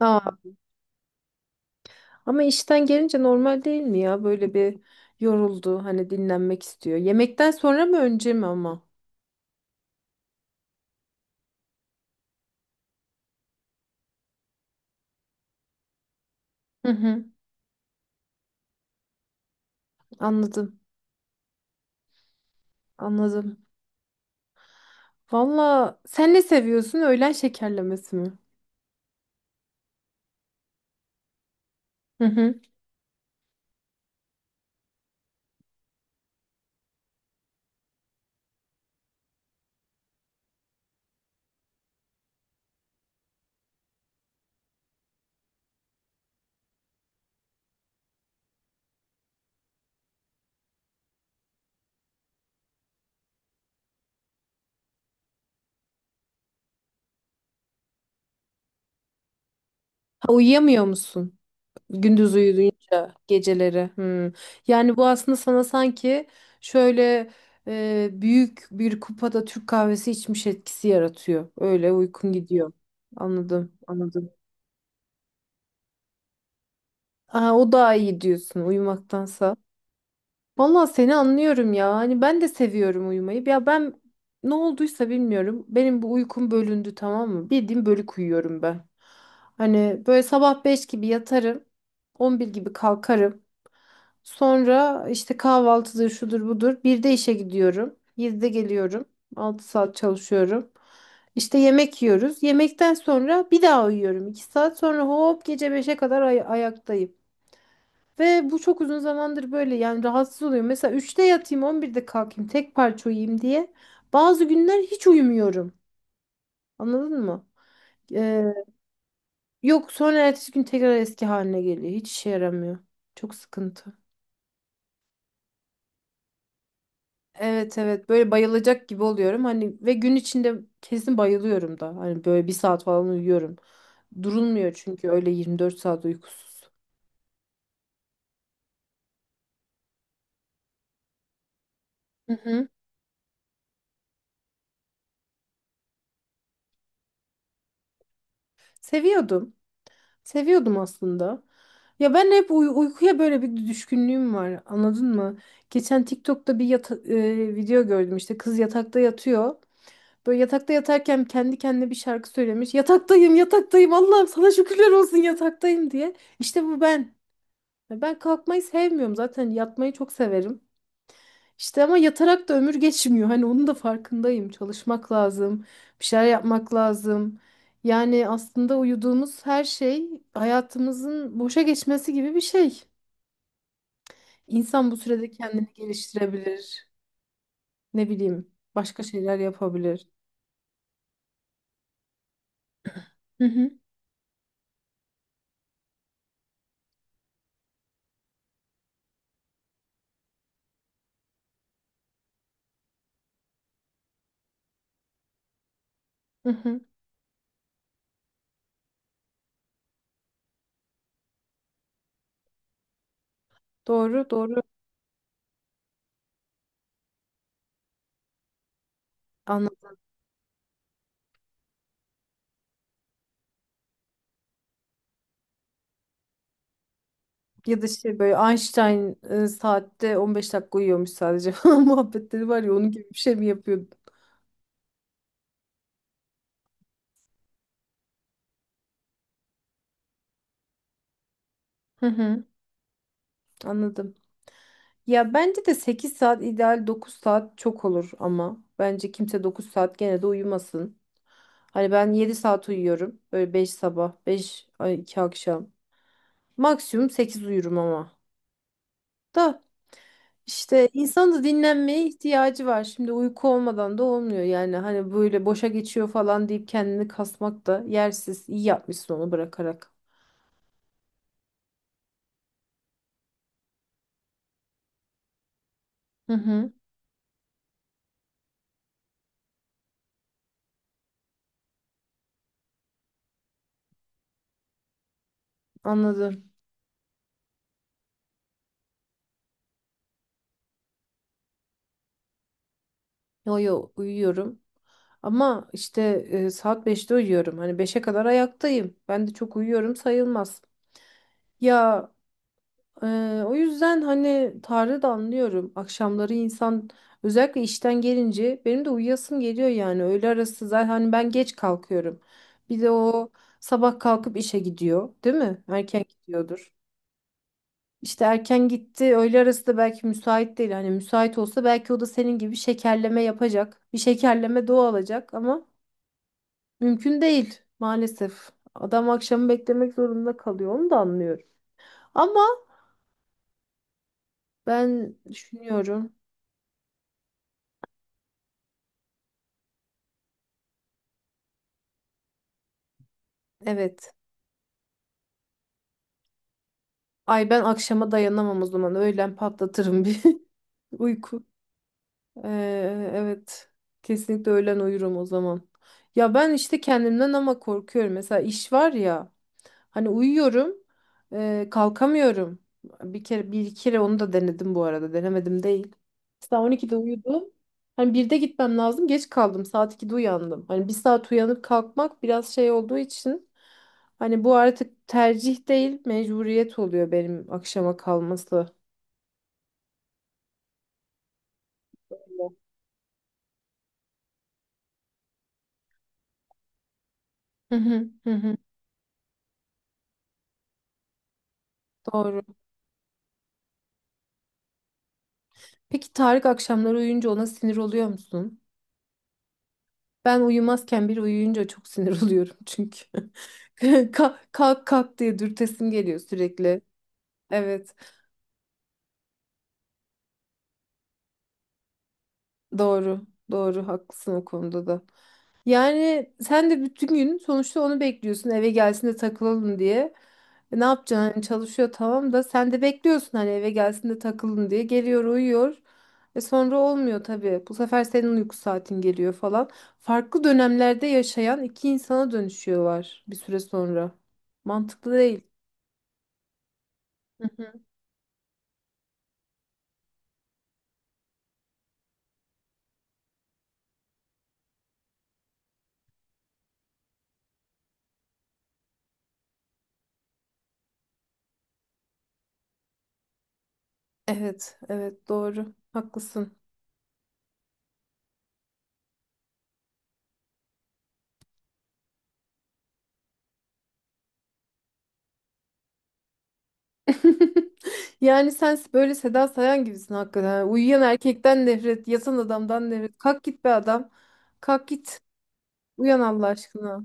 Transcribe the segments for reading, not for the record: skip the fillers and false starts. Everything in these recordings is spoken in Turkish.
Aa, ama işten gelince normal değil mi ya? Böyle bir yoruldu, hani dinlenmek istiyor. Yemekten sonra mı önce mi ama? Hı hı, anladım, anladım. Valla sen ne seviyorsun? Öğlen şekerlemesi mi? Hı hı. Ha, uyuyamıyor musun? Gündüz uyuyunca geceleri. Hı. Yani bu aslında sana sanki şöyle büyük bir kupada Türk kahvesi içmiş etkisi yaratıyor. Öyle uykun gidiyor. Anladım, anladım. Aa, o daha iyi diyorsun uyumaktansa. Vallahi seni anlıyorum ya. Hani ben de seviyorum uyumayı. Ya ben ne olduysa bilmiyorum. Benim bu uykum bölündü, tamam mı? Bildiğim bölük uyuyorum ben. Hani böyle sabah 5 gibi yatarım, 11 gibi kalkarım. Sonra işte kahvaltıdır şudur budur. Bir de işe gidiyorum. 7'de geliyorum. 6 saat çalışıyorum. İşte yemek yiyoruz. Yemekten sonra bir daha uyuyorum. 2 saat sonra hop gece 5'e kadar ayaktayım. Ve bu çok uzun zamandır böyle, yani rahatsız oluyorum. Mesela 3'te yatayım, 11'de kalkayım, tek parça uyuyayım diye. Bazı günler hiç uyumuyorum. Anladın mı? Ee, yok sonra ertesi gün tekrar eski haline geliyor. Hiç işe yaramıyor. Çok sıkıntı. Evet evet, böyle bayılacak gibi oluyorum. Hani ve gün içinde kesin bayılıyorum da. Hani böyle bir saat falan uyuyorum. Durulmuyor çünkü, öyle 24 saat uykusuz. Hı hı. Seviyordum. Seviyordum aslında. Ya ben hep uykuya böyle bir düşkünlüğüm var. Anladın mı? Geçen TikTok'ta bir video gördüm, işte kız yatakta yatıyor. Böyle yatakta yatarken kendi kendine bir şarkı söylemiş. "Yataktayım, yataktayım. Allah'ım sana şükürler olsun, yataktayım" diye. İşte bu ben. Ya ben kalkmayı sevmiyorum zaten. Yatmayı çok severim. İşte ama yatarak da ömür geçmiyor. Hani onun da farkındayım. Çalışmak lazım, bir şeyler yapmak lazım. Yani aslında uyuduğumuz her şey hayatımızın boşa geçmesi gibi bir şey. İnsan bu sürede kendini geliştirebilir. Ne bileyim, başka şeyler yapabilir. Hı hı, hı hı. Doğru, doğru. Anladım. Ya da şey, böyle Einstein saatte 15 dakika uyuyormuş sadece falan muhabbetleri var ya, onun gibi bir şey mi yapıyordu? Hı hı, anladım. Ya bence de 8 saat ideal, 9 saat çok olur, ama bence kimse 9 saat gene de uyumasın. Hani ben 7 saat uyuyorum. Böyle 5 sabah, 5 ay 2 akşam. Maksimum 8 uyurum ama. Da işte insanın da dinlenmeye ihtiyacı var. Şimdi uyku olmadan da olmuyor. Yani hani böyle boşa geçiyor falan deyip kendini kasmak da yersiz. İyi yapmışsın onu bırakarak. Hı hı, anladım. Yo yo, uyuyorum. Ama işte saat 5'te uyuyorum. Hani 5'e kadar ayaktayım. Ben de çok uyuyorum sayılmaz. Ya e, o yüzden hani Tarık'ı da anlıyorum. Akşamları insan, özellikle işten gelince, benim de uyuyasım geliyor yani. Öğle arası zaten hani ben geç kalkıyorum. Bir de o sabah kalkıp işe gidiyor, değil mi? Erken gidiyordur. İşte erken gitti. Öğle arası da belki müsait değil. Hani müsait olsa belki o da senin gibi şekerleme yapacak. Bir şekerleme doğa alacak ama mümkün değil maalesef. Adam akşamı beklemek zorunda kalıyor. Onu da anlıyorum. Ama ben düşünüyorum. Evet. Ay ben akşama dayanamam o zaman. Öğlen patlatırım bir uyku. Evet. Kesinlikle öğlen uyurum o zaman. Ya ben işte kendimden ama korkuyorum. Mesela iş var ya. Hani uyuyorum. Kalkamıyorum. Bir kere, bir iki kere onu da denedim bu arada. Denemedim değil. Mesela 12'de uyudum. Hani 1'de gitmem lazım. Geç kaldım. Saat 2'de uyandım. Hani bir saat uyanıp kalkmak biraz şey olduğu için, hani bu artık tercih değil, mecburiyet oluyor benim akşama kalması. Hı hı hı hı. Doğru. Peki Tarık akşamları uyuyunca ona sinir oluyor musun? Ben uyumazken biri uyuyunca çok sinir oluyorum çünkü. Kalk kalk kalk diye dürtesim geliyor sürekli. Evet, doğru. Doğru, haklısın o konuda da. Yani sen de bütün gün sonuçta onu bekliyorsun, eve gelsin de takılalım diye. E ne yapacaksın, hani çalışıyor tamam, da sen de bekliyorsun hani eve gelsin de takılın diye. Geliyor, uyuyor. E sonra olmuyor tabii. Bu sefer senin uyku saatin geliyor falan. Farklı dönemlerde yaşayan iki insana dönüşüyorlar bir süre sonra. Mantıklı değil. Hı hı. Evet, evet, doğru. Haklısın. Yani sen böyle Seda Sayan gibisin hakikaten. Yani uyuyan erkekten nefret, yatan adamdan nefret. Kalk git be adam. Kalk git. Uyan Allah aşkına.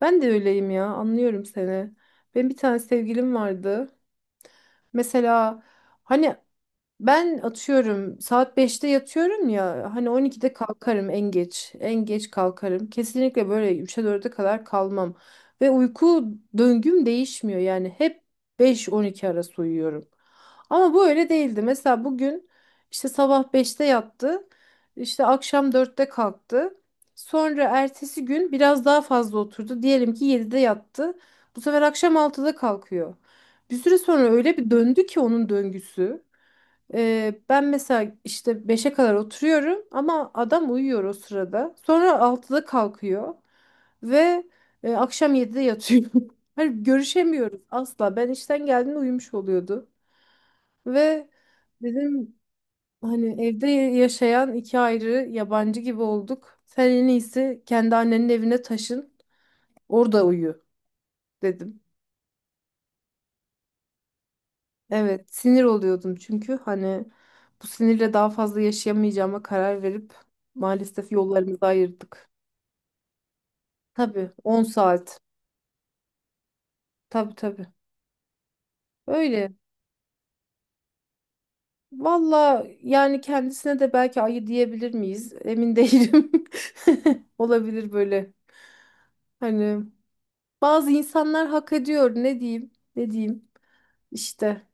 Ben de öyleyim ya. Anlıyorum seni. Benim bir tane sevgilim vardı. Mesela hani ben atıyorum saat 5'te yatıyorum ya, hani 12'de kalkarım en geç. En geç kalkarım. Kesinlikle böyle 3'e dörde kadar kalmam. Ve uyku döngüm değişmiyor. Yani hep 5-12 arası uyuyorum. Ama bu öyle değildi. Mesela bugün işte sabah 5'te yattı. İşte akşam 4'te kalktı. Sonra ertesi gün biraz daha fazla oturdu. Diyelim ki 7'de yattı. Bu sefer akşam 6'da kalkıyor. Bir süre sonra öyle bir döndü ki onun döngüsü. Ben mesela işte 5'e kadar oturuyorum ama adam uyuyor o sırada. Sonra 6'da kalkıyor ve akşam 7'de yatıyor. Hani görüşemiyoruz asla. Ben işten geldiğimde uyumuş oluyordu. Ve dedim hani evde yaşayan iki ayrı yabancı gibi olduk. Sen en iyisi kendi annenin evine taşın, orada uyu dedim. Evet, sinir oluyordum çünkü, hani bu sinirle daha fazla yaşayamayacağıma karar verip maalesef yollarımızı ayırdık. Tabii 10 saat. Tabii tabii. Öyle. Valla yani kendisine de belki ayı diyebilir miyiz? Emin değilim. Olabilir böyle. Hani bazı insanlar hak ediyor. Ne diyeyim? Ne diyeyim? İşte.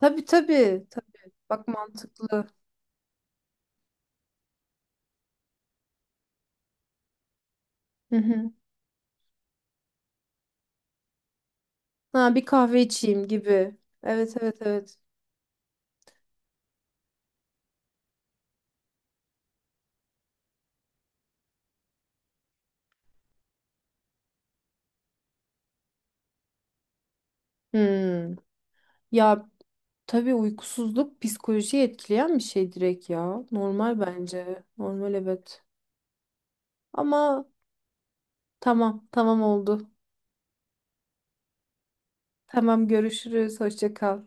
Tabii tabii. Tabii. Bak mantıklı. Ha, bir kahve içeyim gibi. Evet evet evet. Hmm. Ya tabii uykusuzluk psikolojiyi etkileyen bir şey direkt ya. Normal bence. Normal, evet. Ama tamam tamam, oldu. Tamam, görüşürüz. Hoşça kal.